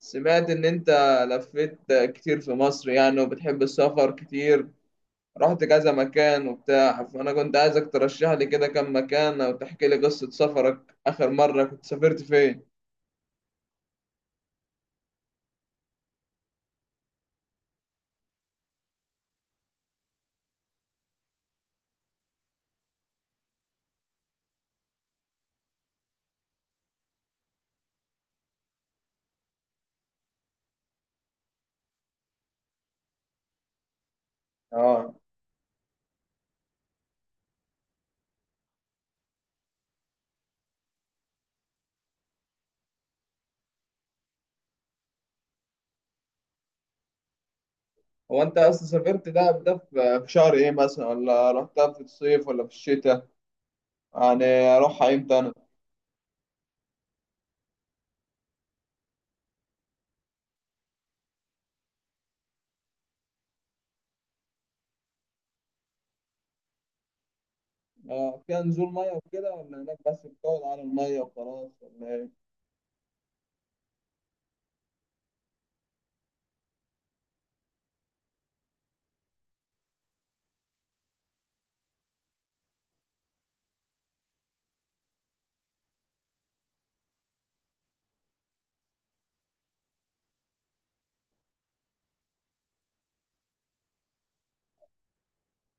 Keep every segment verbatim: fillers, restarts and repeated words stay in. سمعت إن أنت لفيت كتير في مصر، يعني، وبتحب السفر كتير. رحت كذا مكان وبتاع، فأنا كنت عايزك ترشح لي كده كم مكان، أو تحكي لي قصة سفرك. آخر مرة كنت سافرت فين؟ آه. هو أنت أصلا سافرت دهب ده في في شهر إيه مثلا، ولا رحتها في الصيف ولا في الشتاء؟ يعني أروحها إمتى أنا؟ آه. فيها نزول مية وكده، ولا هناك بس بتقعد على المية وخلاص، ولا إيه؟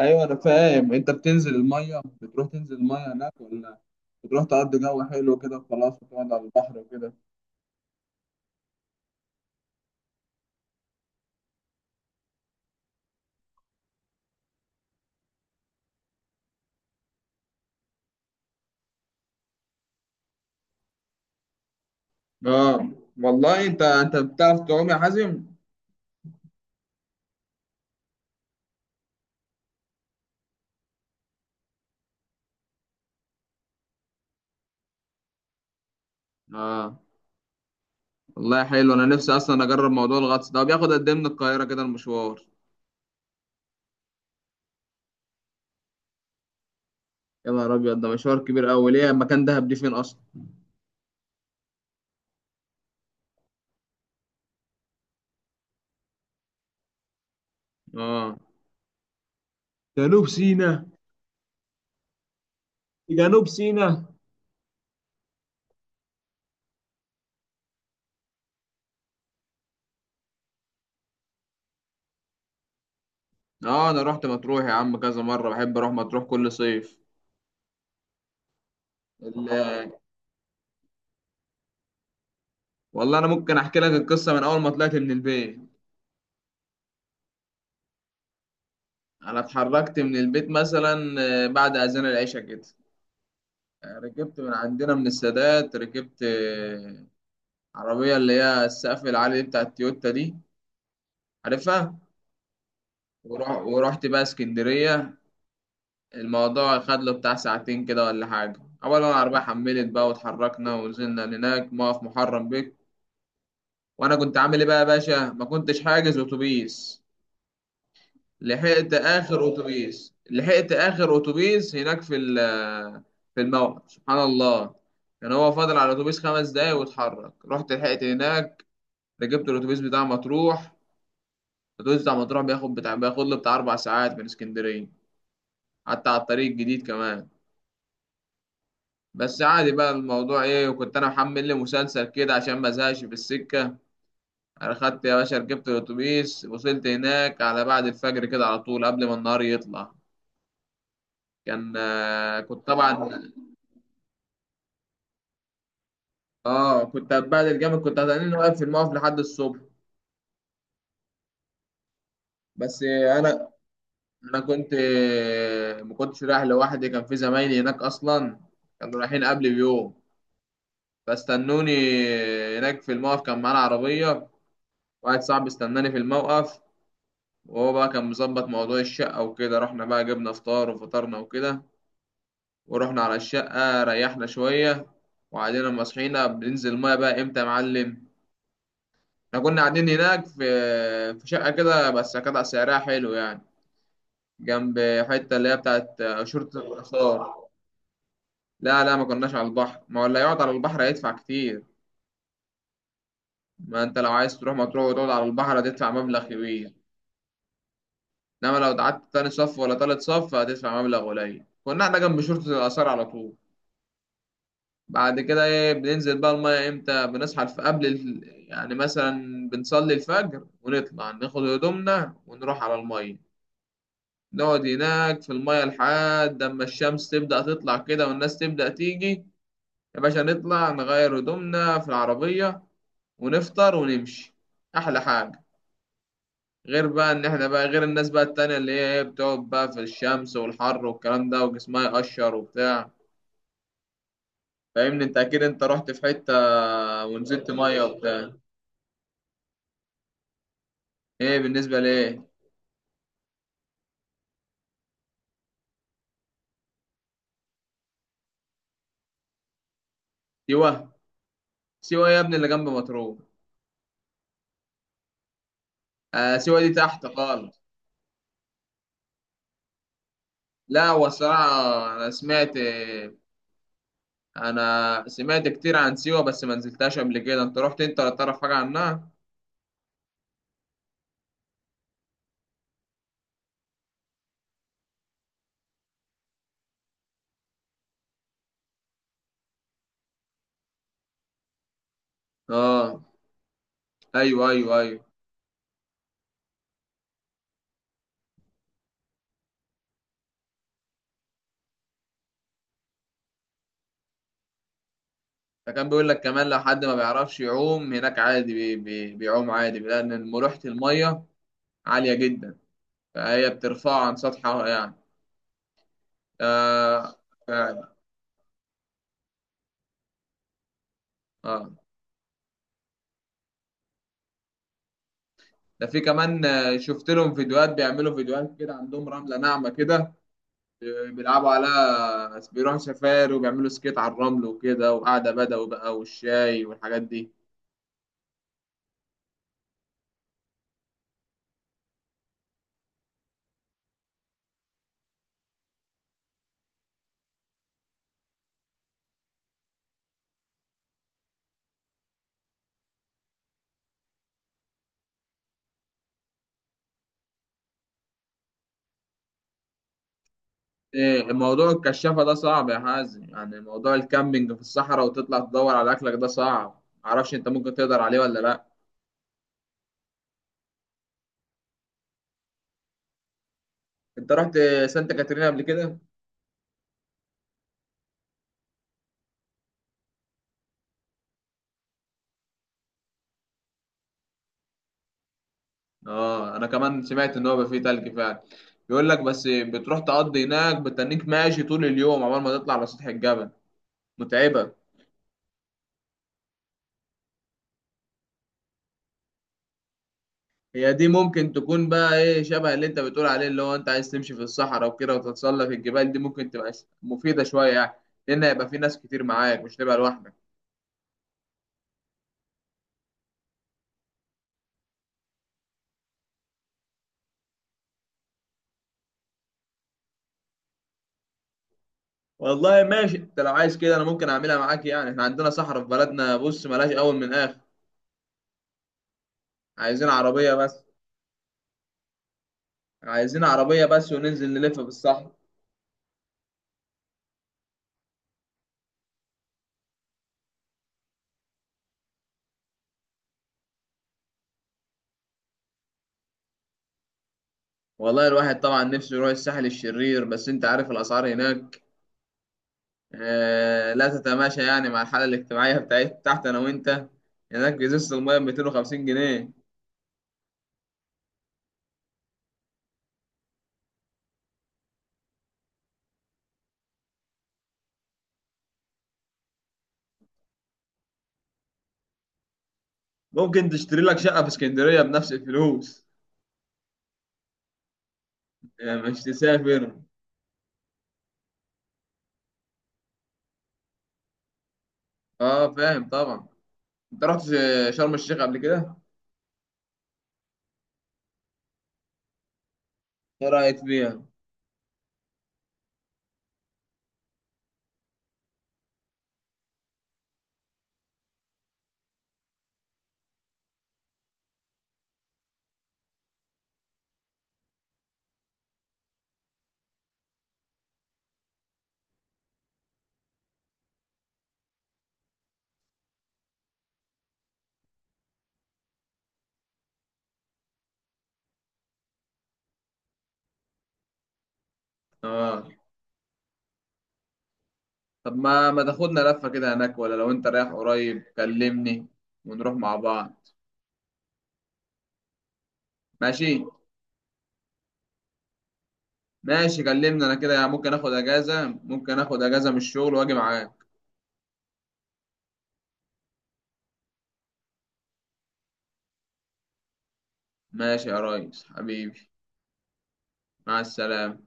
ايوه، انا فاهم. انت بتنزل الميه، بتروح تنزل الميه هناك، ولا بتروح تقضي جو حلو كده وخلاص وتقعد على البحر وكده؟ اه. والله، انت انت بتعرف تعوم يا حازم؟ اه. والله حلو، انا نفسي اصلا اجرب موضوع الغطس ده. بياخد قد ايه من القاهره كده، المشوار؟ يا نهار ابيض، ده مشوار كبير قوي. ليه، مكان دهب دي فين اصلا؟ اه. جنوب سينا. جنوب سينا. اه، انا رحت مطروح يا عم كذا مره، بحب اروح مطروح كل صيف. ال- والله، انا ممكن احكي لك القصه من اول ما طلعت من البيت. انا اتحركت من البيت مثلا، آه، بعد اذان العشاء كده. آه، ركبت من عندنا من السادات، ركبت آه، عربيه، اللي هي السقف العالي دي، بتاع التويوتا دي، عارفها. ورح ورحت بقى اسكندريه. الموضوع خد له بتاع ساعتين كده ولا حاجه. اول ما العربيه حملت بقى، واتحركنا، ونزلنا هناك موقف محرم بك. وانا كنت عامل ايه بقى يا باشا؟ ما كنتش حاجز اتوبيس. لحقت اخر اتوبيس لحقت اخر اتوبيس هناك في ال- في الموقف، سبحان الله. كان هو فاضل على الاتوبيس خمس دقايق واتحرك، رحت لحقت هناك. ركبت الاتوبيس بتاع مطروح. الاتوبيس بتاع مطروح بياخد بتاع بياخد له بتاع اربع ساعات من اسكندريه، حتى على الطريق الجديد كمان. بس عادي بقى الموضوع ايه. وكنت انا محمل لي مسلسل كده عشان ما ازهقش في السكه. انا خدت يا باشا، ركبت الاتوبيس، وصلت هناك على بعد الفجر كده على طول، قبل ما النهار يطلع. كان آه، كنت طبعا. اه، كنت هتبهدل جامد، كنت هتلاقيني واقف في الموقف لحد الصبح. بس انا، انا كنت ما كنتش رايح لوحدي. كان في زمايلي هناك اصلا، كانوا رايحين قبلي بيوم، فاستنوني هناك في الموقف. كان معانا عربية، واحد صاحبي استناني في الموقف، وهو بقى كان مظبط موضوع الشقة وكده. رحنا بقى جبنا فطار وفطرنا وكده، ورحنا على الشقة ريحنا شوية. وبعدين لما صحينا، بننزل المية بقى امتى يا معلم؟ احنا كنا قاعدين هناك في في شقة كده، بس كانت سعرها حلو يعني، جنب حتة اللي هي بتاعت شرطة الآثار. لا لا، ما كناش على البحر. ما هو اللي يقعد على البحر هيدفع كتير. ما انت لو عايز تروح مطروح وتقعد على البحر هتدفع مبلغ كبير. انما لو قعدت تاني صف ولا تالت صف هتدفع مبلغ قليل. كنا احنا جنب شرطة الآثار على طول. بعد كده ايه، بننزل بقى المية امتى؟ بنصحى الف- قبل ال... يعني مثلا بنصلي الفجر، ونطلع ناخد هدومنا ونروح على المية. نقعد هناك في المية لحد اما الشمس تبدأ تطلع كده والناس تبدأ تيجي، يا باشا، نطلع نغير هدومنا في العربية ونفطر ونمشي. أحلى حاجة. غير بقى إن إحنا بقى غير الناس بقى التانية، اللي هي إيه، بتقعد بقى في الشمس والحر والكلام ده وجسمها يقشر وبتاع. فاهمني أنت؟ أكيد أنت رحت في حتة ونزلت مية وبتاع. إيه بالنسبة لإيه؟ سيوة. سيوة يا ابني اللي جنب مطروح. آه، سيوة دي تحت خالص. لا، هو الصراحة، أنا سمعت أنا سمعت كتير عن سيوة، بس ما نزلتهاش قبل كده. أنت رحت أنت، ولا تعرف حاجة عنها؟ آه، ايوه ايوه ايوه. فكان بيقول لك كمان، لو حد ما بيعرفش يعوم، هناك عادي، بي بي بيعوم عادي، لان ملوحة المية عالية جدا، فهي بترفعه عن سطحها يعني. آه، فعلا. اه. ده في كمان، آه، شفت لهم فيديوهات، بيعملوا فيديوهات كده. عندهم رملة ناعمة كده، آه، بيلعبوا عليها، بيروحوا سفاري وبيعملوا سكيت على الرمل وكده، وقعدة بدوي بقى، والشاي والحاجات دي. إيه، موضوع الكشافة ده صعب يا حازم. يعني موضوع الكامبينج في الصحراء وتطلع تدور على أكلك ده صعب، معرفش أنت ممكن تقدر عليه ولا لأ. أنت رحت سانتا كاترينا قبل كده؟ آه، أنا كمان سمعت إن هو بقى فيه تلج فعلا. بيقول لك، بس بتروح تقضي هناك بتنيك ماشي طول اليوم عقبال ما تطلع على سطح الجبل، متعبة. هي دي ممكن تكون بقى إيه شبه اللي أنت بتقول عليه، اللي هو أنت عايز تمشي في الصحراء وكده وتتسلق الجبال، دي ممكن تبقى مفيدة شوية يعني، لأن هيبقى في ناس كتير معاك، مش تبقى لوحدك. والله ماشي، انت لو عايز كده انا ممكن اعملها معاك. يعني احنا عندنا صحراء في بلدنا، بص ملهاش اول من اخر، عايزين عربية بس. عايزين عربية بس، وننزل نلف في الصحراء. والله الواحد طبعا نفسه يروح الساحل الشرير، بس انت عارف الاسعار هناك، آه، لا تتماشى يعني مع الحالة الاجتماعية بتاعت تحت، انا وانت. هناك ازازة المية ب ميتين وخمسين جنيه. ممكن تشتري لك شقة في اسكندرية بنفس الفلوس. آه، مش تسافر. اه، فاهم طبعا. انت رحت شرم الشيخ قبل كده. ايه رأيك فيها؟ اه. طب ما ما تاخدنا لفة كده هناك، ولا لو انت رايح قريب كلمني ونروح مع بعض. ماشي. ماشي، كلمني انا كده، يعني ممكن اخد اجازة، ممكن اخد اجازة من الشغل واجي معاك. ماشي يا ريس حبيبي، مع السلامة.